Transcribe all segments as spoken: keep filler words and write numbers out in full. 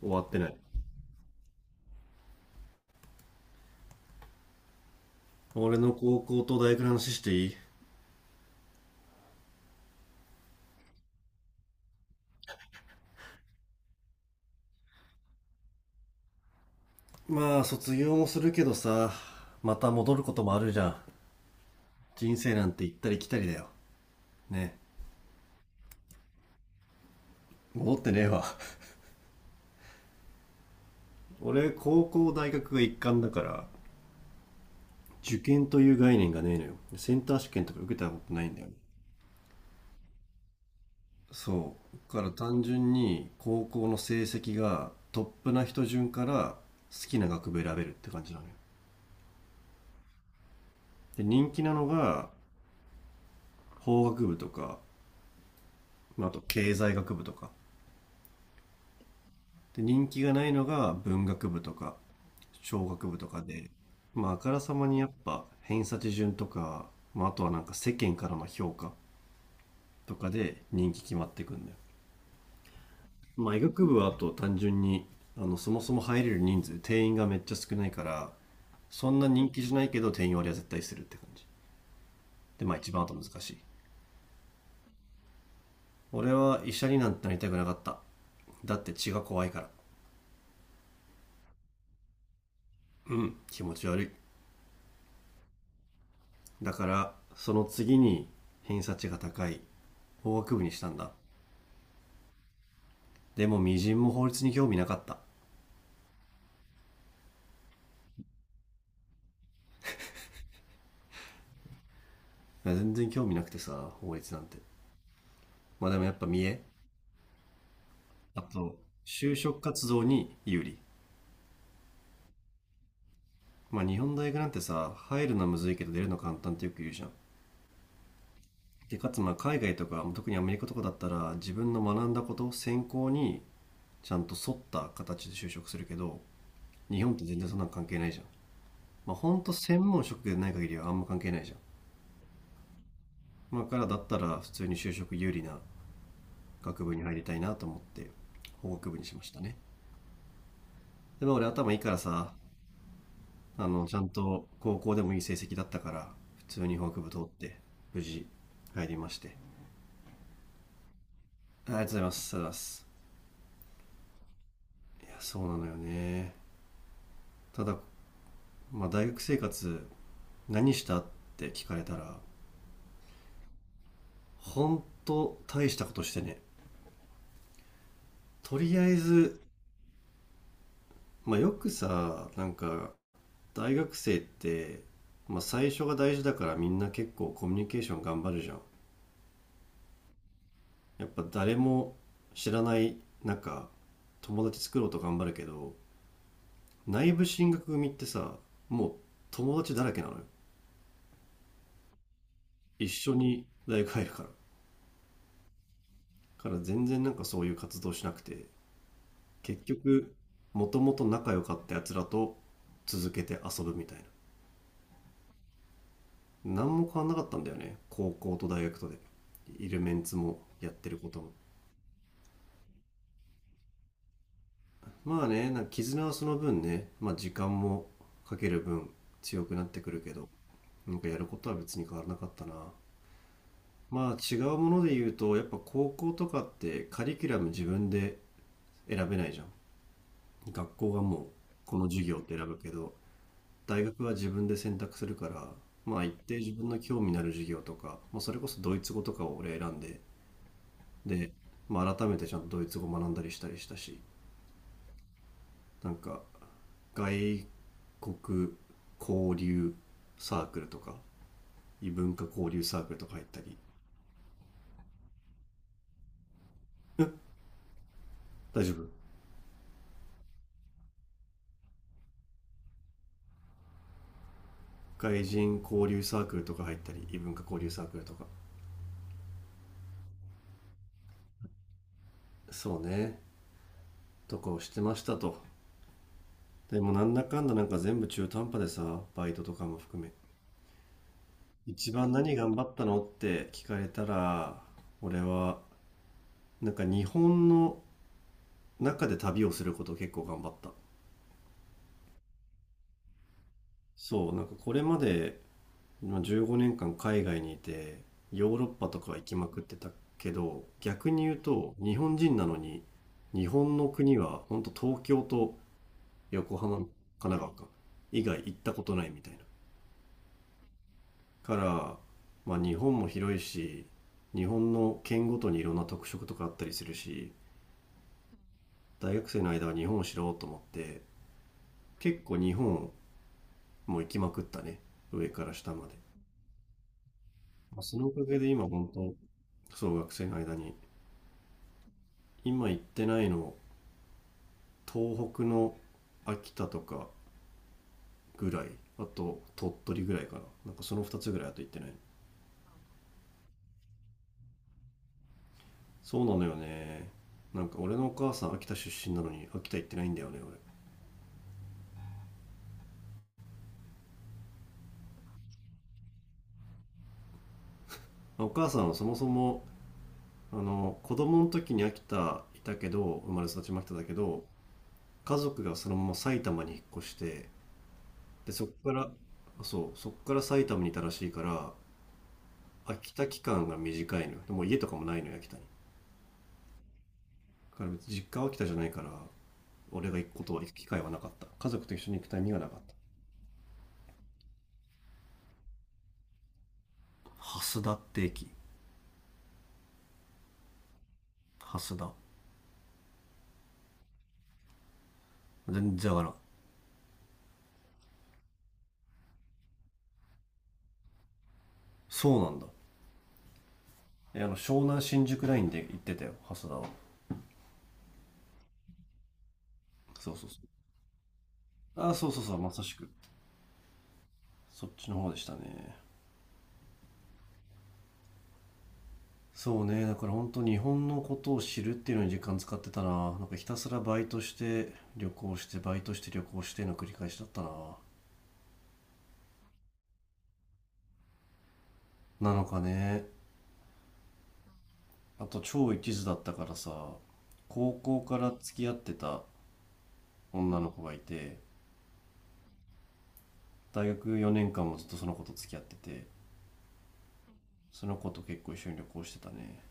終わってない。俺の高校と大学の話していい？まあ卒業もするけどさ、また戻ることもあるじゃん。人生なんて行ったり来たりだよね。戻ってねえわ。 俺高校大学が一貫だから受験という概念がねえのよ。センター試験とか受けたことないんだよね。そうだから単純に高校の成績がトップな人順から好きな学部選べるって感じなのよ。で人気なのが法学部とか、まああと経済学部とかで、人気がないのが文学部とか商学部とかで、まあ、あからさまにやっぱ偏差値順とか、まあ、あとはなんか世間からの評価とかで人気決まってくんだよ。まあ、医学部はあと単純にあのそもそも入れる人数定員がめっちゃ少ないからそんな人気じゃないけど、定員割りは絶対するって感じ。でまあ一番あと難しい。俺は医者になんてなりたくなかった。だって血が怖いから。うん、気持ち悪い。だからその次に偏差値が高い法学部にしたんだ。でもみじんも法律に興味なかった。全然興味なくてさ、法律なんて。まあでもやっぱ見え、あと就職活動に有利。まあ日本大学なんてさ、入るのはむずいけど出るの簡単ってよく言うじゃん。でかつ、まあ海外とか特にアメリカとかだったら自分の学んだこと専攻にちゃんと沿った形で就職するけど、日本って全然そんなん関係ないじゃん。まあほんと専門職でない限りはあんま関係ないじゃん。まあ、からだったら普通に就職有利な学部に入りたいなと思って法学部にしましたね。でも俺頭いいからさ、あのちゃんと高校でもいい成績だったから普通に法学部通って無事入りまして。ありがとうございます、ありがとうございます。いやそうなのよね。ただ、まあ、大学生活何したって聞かれたら本当大したことしてね。とりあえずまあ、よくさなんか大学生って、まあ、最初が大事だからみんな結構コミュニケーション頑張るじゃん。やっぱ誰も知らない中、友達作ろうと頑張るけど、内部進学組ってさ、もう友達だらけなのよ。一緒に大学入るから。から全然なんかそういう活動しなくて、結局、もともと仲良かったやつらと続けて遊ぶみたいな。何も変わんなかったんだよね、高校と大学とで。いるメンツもやってることも。まあね、なんか絆はその分ね、まあ時間もかける分強くなってくるけど、なんかやることは別に変わらなかったな。まあ違うもので言うと、やっぱ高校とかってカリキュラム自分で選べないじゃん。学校がもうこの授業って選ぶけど、大学は自分で選択するから、まあ一定自分の興味のある授業とか、まあそれこそドイツ語とかを俺選んで、で、まあ改めてちゃんとドイツ語学んだりしたりしたし、なんか外国交流サークルとか異文化交流サークルとか入ったり、大丈夫？外人交流サークルとか入ったり異文化交流サークルとか、そうね、とかをしてましたと。でもなんだかんだなんか全部中途半端でさ、バイトとかも含め。一番何頑張ったのって聞かれたら、俺はなんか日本の中で旅をすることを結構頑張った。そう、なんかこれまでまあじゅうごねんかん海外にいてヨーロッパとかは行きまくってたけど、逆に言うと日本人なのに日本の国は本当東京と横浜、神奈川か以外行ったことないみたいな。から、まあ日本も広いし、日本の県ごとにいろんな特色とかあったりするし、大学生の間は日本を知ろうと思って結構日本も行きまくったね、上から下まで。まあ、そのおかげで今本当、そう学生の間に今行ってないの東北の秋田とかぐらい、あと鳥取ぐらいかな。なんかそのふたつぐらいあと行ってない。そうなのよね、なんか俺のお母さん秋田出身なのに秋田行ってないんだよね。俺お母さんはそもそもあの子供の時に秋田いたけど、生まれ育ちも秋田だけど家族がそのまま埼玉に引っ越して、でそっから、そうそっから埼玉にいたらしいから秋田期間が短いのよ。でもう家とかもないのよ、秋田に。だから別に実家は秋田じゃないから俺が行くことは、行く機会はなかった。家族と一緒に行くタイミングがなかった。蓮田って駅。蓮田。全然わからん。そうなんだ。え、あの湘南新宿ラインで行ってたよ、蓮田は。そうそうそう、あそうそうそう、まさしくそっちの方でしたね。そうね、だから本当日本のことを知るっていうのに時間使ってたな。なんかひたすらバイトして旅行してバイトして旅行しての繰り返しだったな。なのかね。あと超一途だったからさ、高校から付き合ってた女の子がいて、大学よねんかんもずっとその子と付き合ってて、その子と結構一緒に旅行してたね。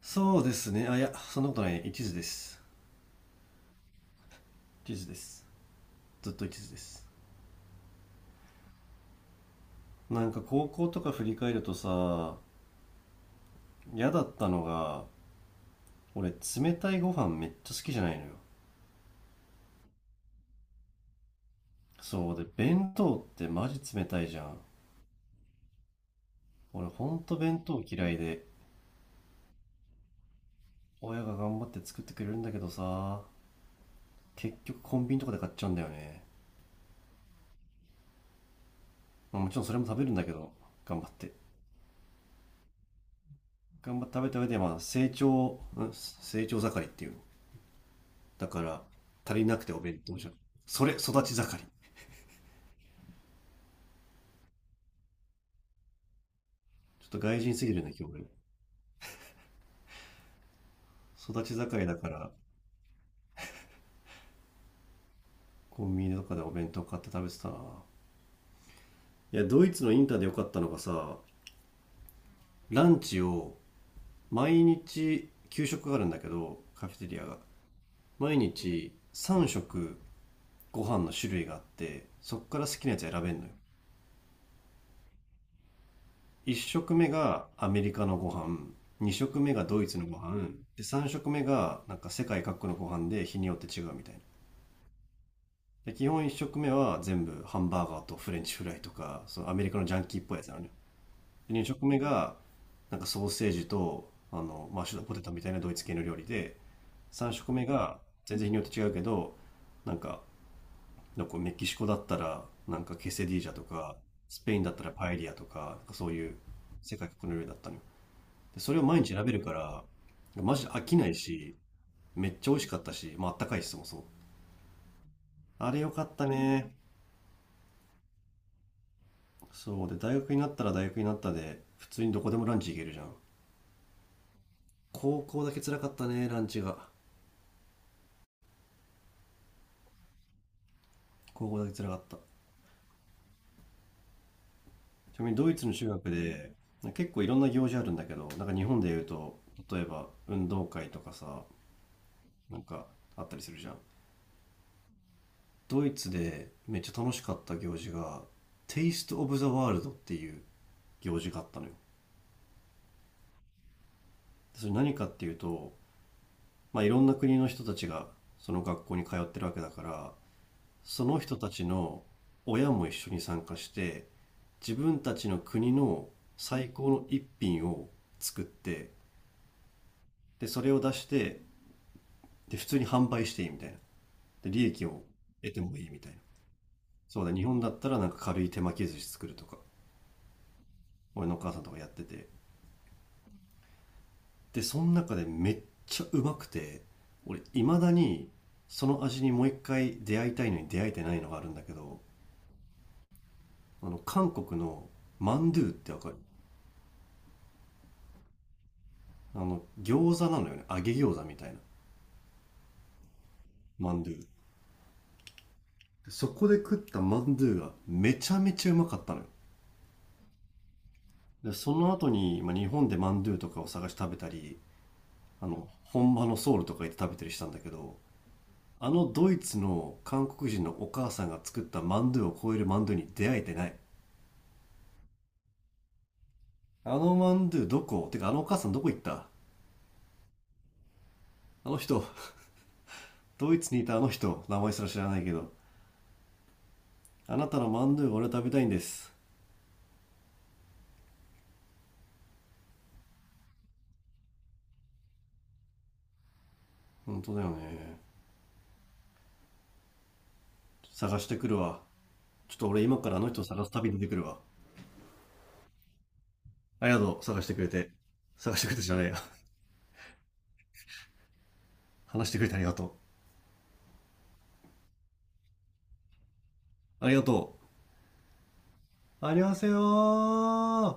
そうですね、あ、いやそんなことないね、一途です。一途です。ずっと一途です。なんか高校とか振り返るとさ、嫌だったのが、俺冷たいご飯めっちゃ好きじゃないのよ。そうで弁当ってマジ冷たいじゃん。俺ほんと弁当嫌いで、親が頑張って作ってくれるんだけどさ、結局コンビニとかで買っちゃうんだよね。まあもちろんそれも食べるんだけど、頑張って頑張って食べた上で、まあ、成長、ん成長盛りっていうの。だから、足りなくてお弁当じゃん。それ、育ち盛り。ちょっと外人すぎるね、今日俺。育ち盛りだから、コンビニとかでお弁当買って食べてたな。いや、ドイツのインターで良かったのがさ、ランチを、毎日、給食があるんだけど、カフェテリアが。毎日、さんしょく食、ご飯の種類があって、そっから好きなやつ選べんのよ。いっしょくめ食目がアメリカのご飯、にしょくめ食目がドイツのご飯、でさんしょくめ食目がなんか世界各国のご飯で日によって違うみたいな。で基本いっしょくめ食目は全部ハンバーガーとフレンチフライとか、そのアメリカのジャンキーっぽいやつなのよ。でにしょくめ食目がなんかソーセージとあのマッシュドポテトみたいなドイツ系の料理で、さんしょくめ食目が全然日によって違うけど、なんか、なんかメキシコだったらなんかケセディージャとか、スペインだったらパエリアとか、なんかそういう世界各国の料理だったのよ。でそれを毎日選べるから、マジで飽きないし、めっちゃ美味しかったし、まああったかいし、そもそも。あれよかったね。そう。で、大学になったら大学になったで、普通にどこでもランチ行けるじゃん。高校だけ辛かったね、ランチが。高校だけ辛かった。ちなみにドイツの中学で、結構いろんな行事あるんだけど、なんか日本で言うと、例えば運動会とかさ、なんかあったりするじゃん。ドイツでめっちゃ楽しかった行事が、テイスト・オブ・ザ・ワールドっていう行事があったのよ。それ何かっていうと、まあ、いろんな国の人たちがその学校に通ってるわけだからその人たちの親も一緒に参加して、自分たちの国の最高の一品を作って、でそれを出して、で普通に販売していいみたいな、で利益を得てもいいみたいな。そうだ、日本だったらなんか軽い手巻き寿司作るとか、俺のお母さんとかやってて、でその中でめっちゃうまくて、俺いまだにその味にもういっかい出会いたいのに出会えてないのがあるんだけど、あの韓国のマンドゥってわかる？あの餃子なのよね、揚げ餃子みたいな。マンドゥ。そこで食ったマンドゥがめちゃめちゃうまかったのよ。でその後に、まあ、日本でマンドゥとかを探して食べたり、あの本場のソウルとか行って食べたりしたんだけど、あのドイツの韓国人のお母さんが作ったマンドゥを超えるマンドゥに出会えてない。あのマンドゥどこ、てかあのお母さんどこ行った。あの人、ドイツにいたあの人、名前すら知らないけど、あなたのマンドゥが俺は食べたいんです。本当だよね。探してくるわ。ちょっと俺今からあの人を探す旅に出てくるわ。ありがとう、探してくれて。探してくれてじゃないや。話してくれてありがとう。ありがとう。ありがせよー。